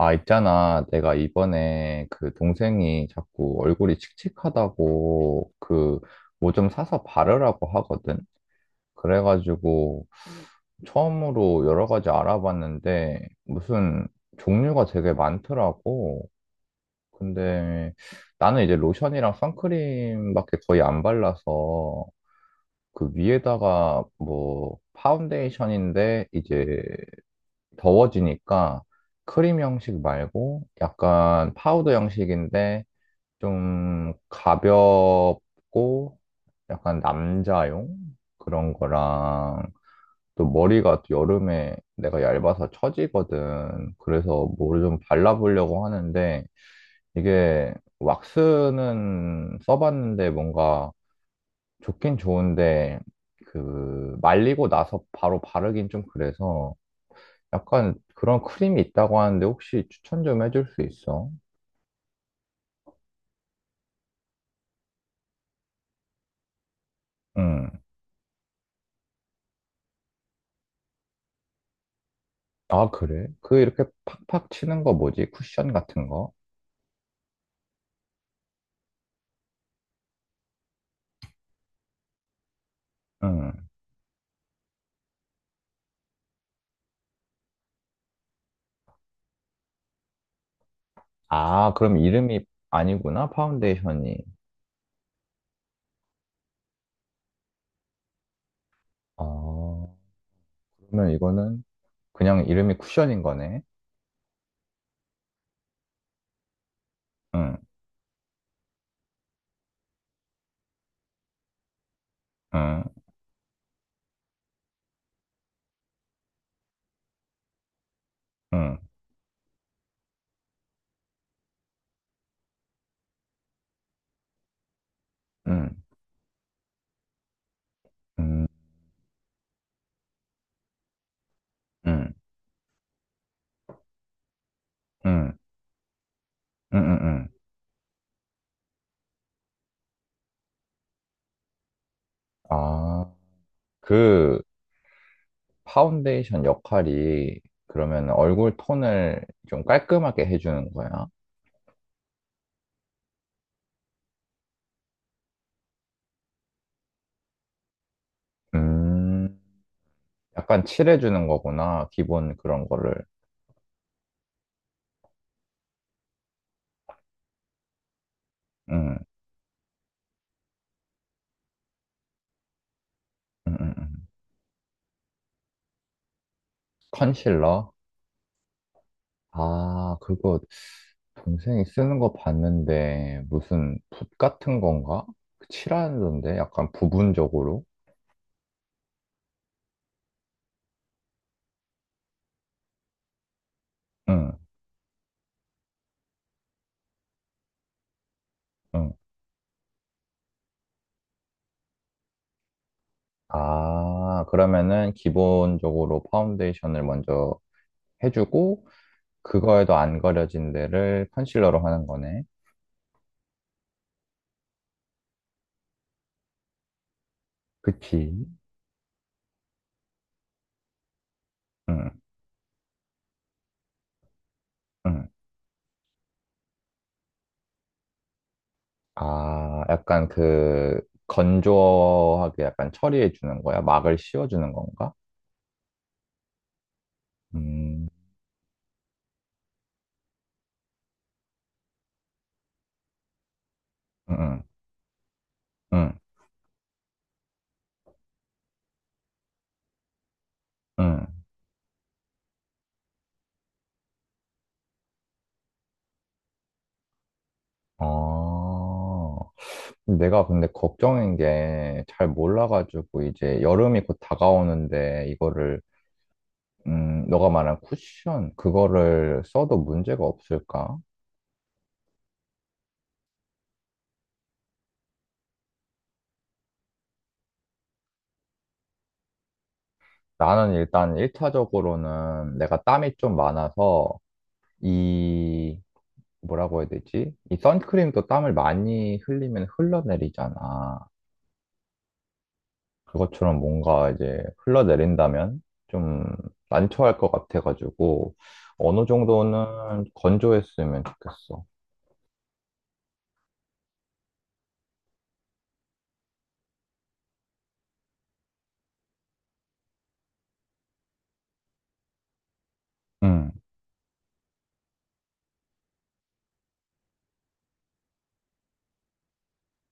아, 있잖아. 내가 이번에 그 동생이 자꾸 얼굴이 칙칙하다고 그 뭐 좀 사서 바르라고 하거든. 그래가지고 처음으로 여러 가지 알아봤는데 무슨 종류가 되게 많더라고. 근데 나는 이제 로션이랑 선크림밖에 거의 안 발라서 그 위에다가 뭐 파운데이션인데 이제 더워지니까 크림 형식 말고 약간 파우더 형식인데 좀 가볍고 약간 남자용 그런 거랑 또 머리가 또 여름에 내가 얇아서 처지거든. 그래서 뭐를 좀 발라보려고 하는데 이게 왁스는 써봤는데 뭔가 좋긴 좋은데 그 말리고 나서 바로 바르긴 좀 그래서 약간 그런 크림이 있다고 하는데 혹시 추천 좀 해줄 수 있어? 응. 아, 그래? 그 이렇게 팍팍 치는 거 뭐지? 쿠션 같은 거? 응. 아, 그럼 이름이 아니구나, 파운데이션이. 아, 그러면 이거는 그냥 이름이 쿠션인 거네? 응, 응, 응, 응, 응, 응, 응, 응, 응. 응. 아, 그 파운데이션 역할이 그러면 얼굴 톤을 좀 깔끔하게 해주는 거야? 음. 약간 칠해주는 거구나. 기본 그런 거를. 음, 음, 음, 음. 컨실러? 아, 그거 동생이 쓰는 거 봤는데 무슨 붓 같은 건가? 그 칠하는데 약간 부분적으로? 응, 응. 아, 그러면은 기본적으로 파운데이션을 먼저 해주고 그거에도 안 가려진 데를 컨실러로 하는 거네. 그치? 응, 응. 아, 약간 그 건조하게 약간 처리해 주는 거야? 막을 씌워 주는 건가? 음, 음, 음, 음. 아, 내가 근데 걱정인 게 잘 몰라가지고 이제 여름이 곧 다가오는데 이거를 너가 말한 쿠션 그거를 써도 문제가 없을까? 나는 일단 일차적으로는 내가 땀이 좀 많아서 이 뭐라고 해야 되지? 이 선크림도 땀을 많이 흘리면 흘러내리잖아. 그것처럼 뭔가 이제 흘러내린다면 좀 난처할 것 같아가지고 어느 정도는 건조했으면 좋겠어. 응.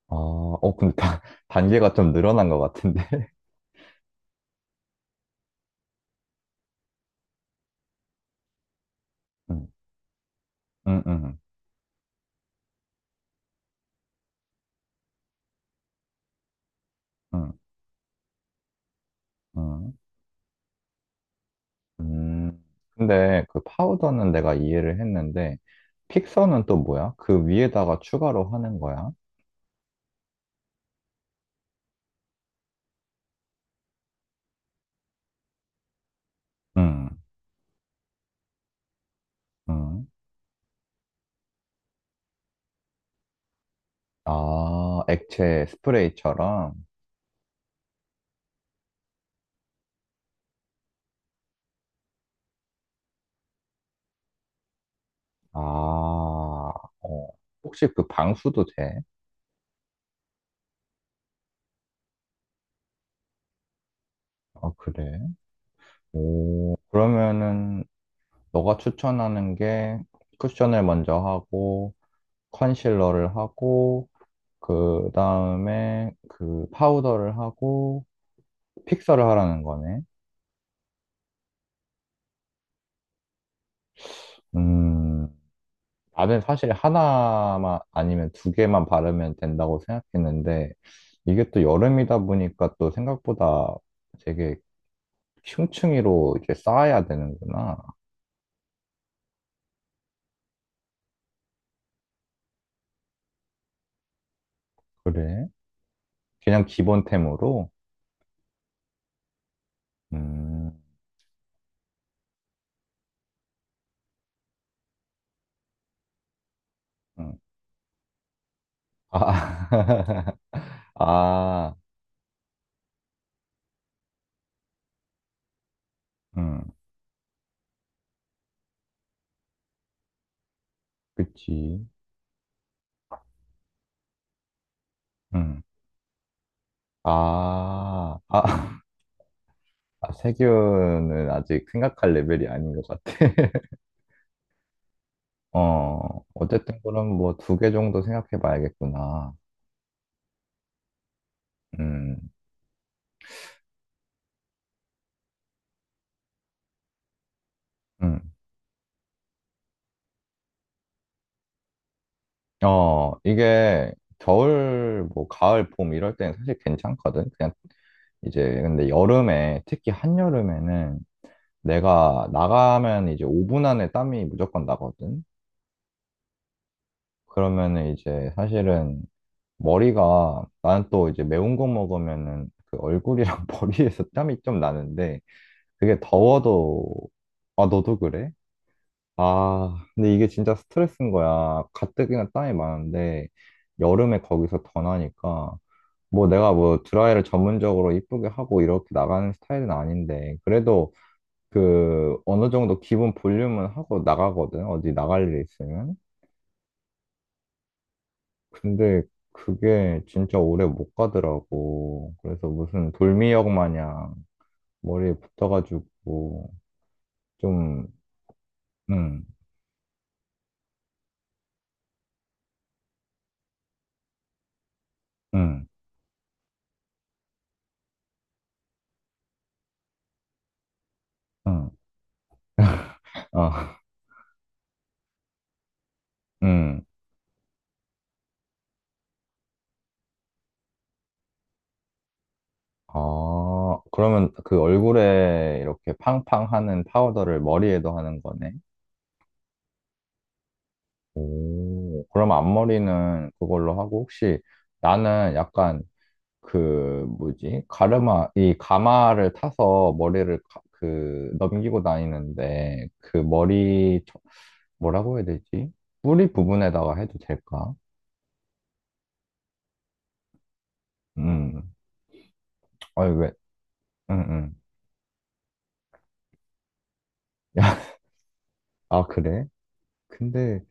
아, 어, 근데 단계가 좀 늘어난 것 같은데. 응, 응, 응, 응, 응. 음, 근데 그 파우더는 내가 이해를 했는데 픽서는 또 뭐야? 그 위에다가 추가로 하는 거야? 응, 응. 아, 액체 스프레이처럼? 아, 어. 혹시 그 방수도 돼? 아, 그래? 오, 그러면은 너가 추천하는 게 쿠션을 먼저 하고, 컨실러를 하고, 그 다음에 그 파우더를 하고, 픽서를 하라는 거네? 음, 나는 사실 하나만 아니면 두 개만 바르면 된다고 생각했는데, 이게 또 여름이다 보니까 또 생각보다 되게 흉층이로 이제 쌓아야 되는구나. 그래? 그냥 기본템으로? 음, 음. 아, 아, 음, 그치. 음, 아, 아, 아, 세균은 아직 생각할 레벨이 아닌 것 같아. 어, 어쨌든 그럼 뭐 두 개 정도 생각해 봐야겠구나. 음, 음. 어, 이게 겨울, 뭐 가을, 봄 이럴 때는 사실 괜찮거든. 그냥 이제 근데 여름에 특히 한여름에는 내가 나가면 이제 5분 안에 땀이 무조건 나거든. 그러면은 이제 사실은 머리가 나는 또 이제 매운 거 먹으면은 그 얼굴이랑 머리에서 땀이 좀 나는데 그게 더워도 아 너도 그래? 아 근데 이게 진짜 스트레스인 거야. 가뜩이나 땀이 많은데 여름에 거기서 더 나니까 뭐 내가 뭐 드라이를 전문적으로 이쁘게 하고 이렇게 나가는 스타일은 아닌데 그래도 그 어느 정도 기본 볼륨은 하고 나가거든. 어디 나갈 일 있으면. 근데 그게 진짜 오래 못 가더라고. 그래서 무슨 돌미역 마냥 머리에 붙어가지고 좀 응, 응, 응, 아, 응. 아, 그러면 그 얼굴에 이렇게 팡팡 하는 파우더를 머리에도 하는 거네. 오, 그럼 앞머리는 그걸로 하고 혹시 나는 약간 그 뭐지? 가르마 이 가마를 타서 머리를 그 넘기고 다니는데 그 머리 뭐라고 해야 되지? 뿌리 부분에다가 해도 될까? 음. 아니 왜? 응, 응. 아, 그래? 근데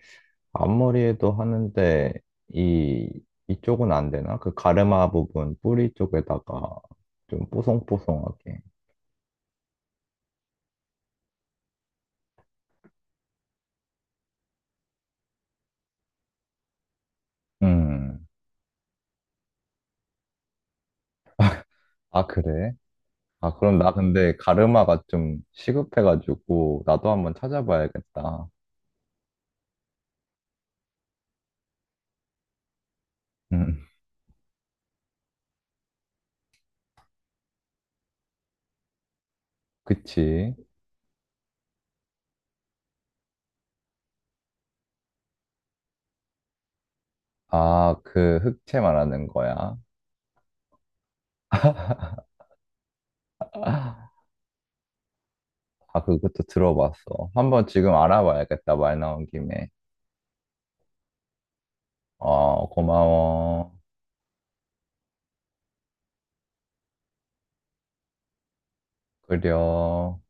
앞머리에도 하는데 이 이쪽은 안 되나? 그 가르마 부분 뿌리 쪽에다가 좀 뽀송뽀송하게. 음. 아, 그래? 아, 그럼 나 근데 가르마가 좀 시급해가지고 나도 한번 찾아봐야겠다. 음, 그치. 아, 그 흑채 말하는 거야. 아, 그것도 들어봤어. 한번 지금 알아봐야겠다. 말 나온 김에. 어, 고마워. 그려.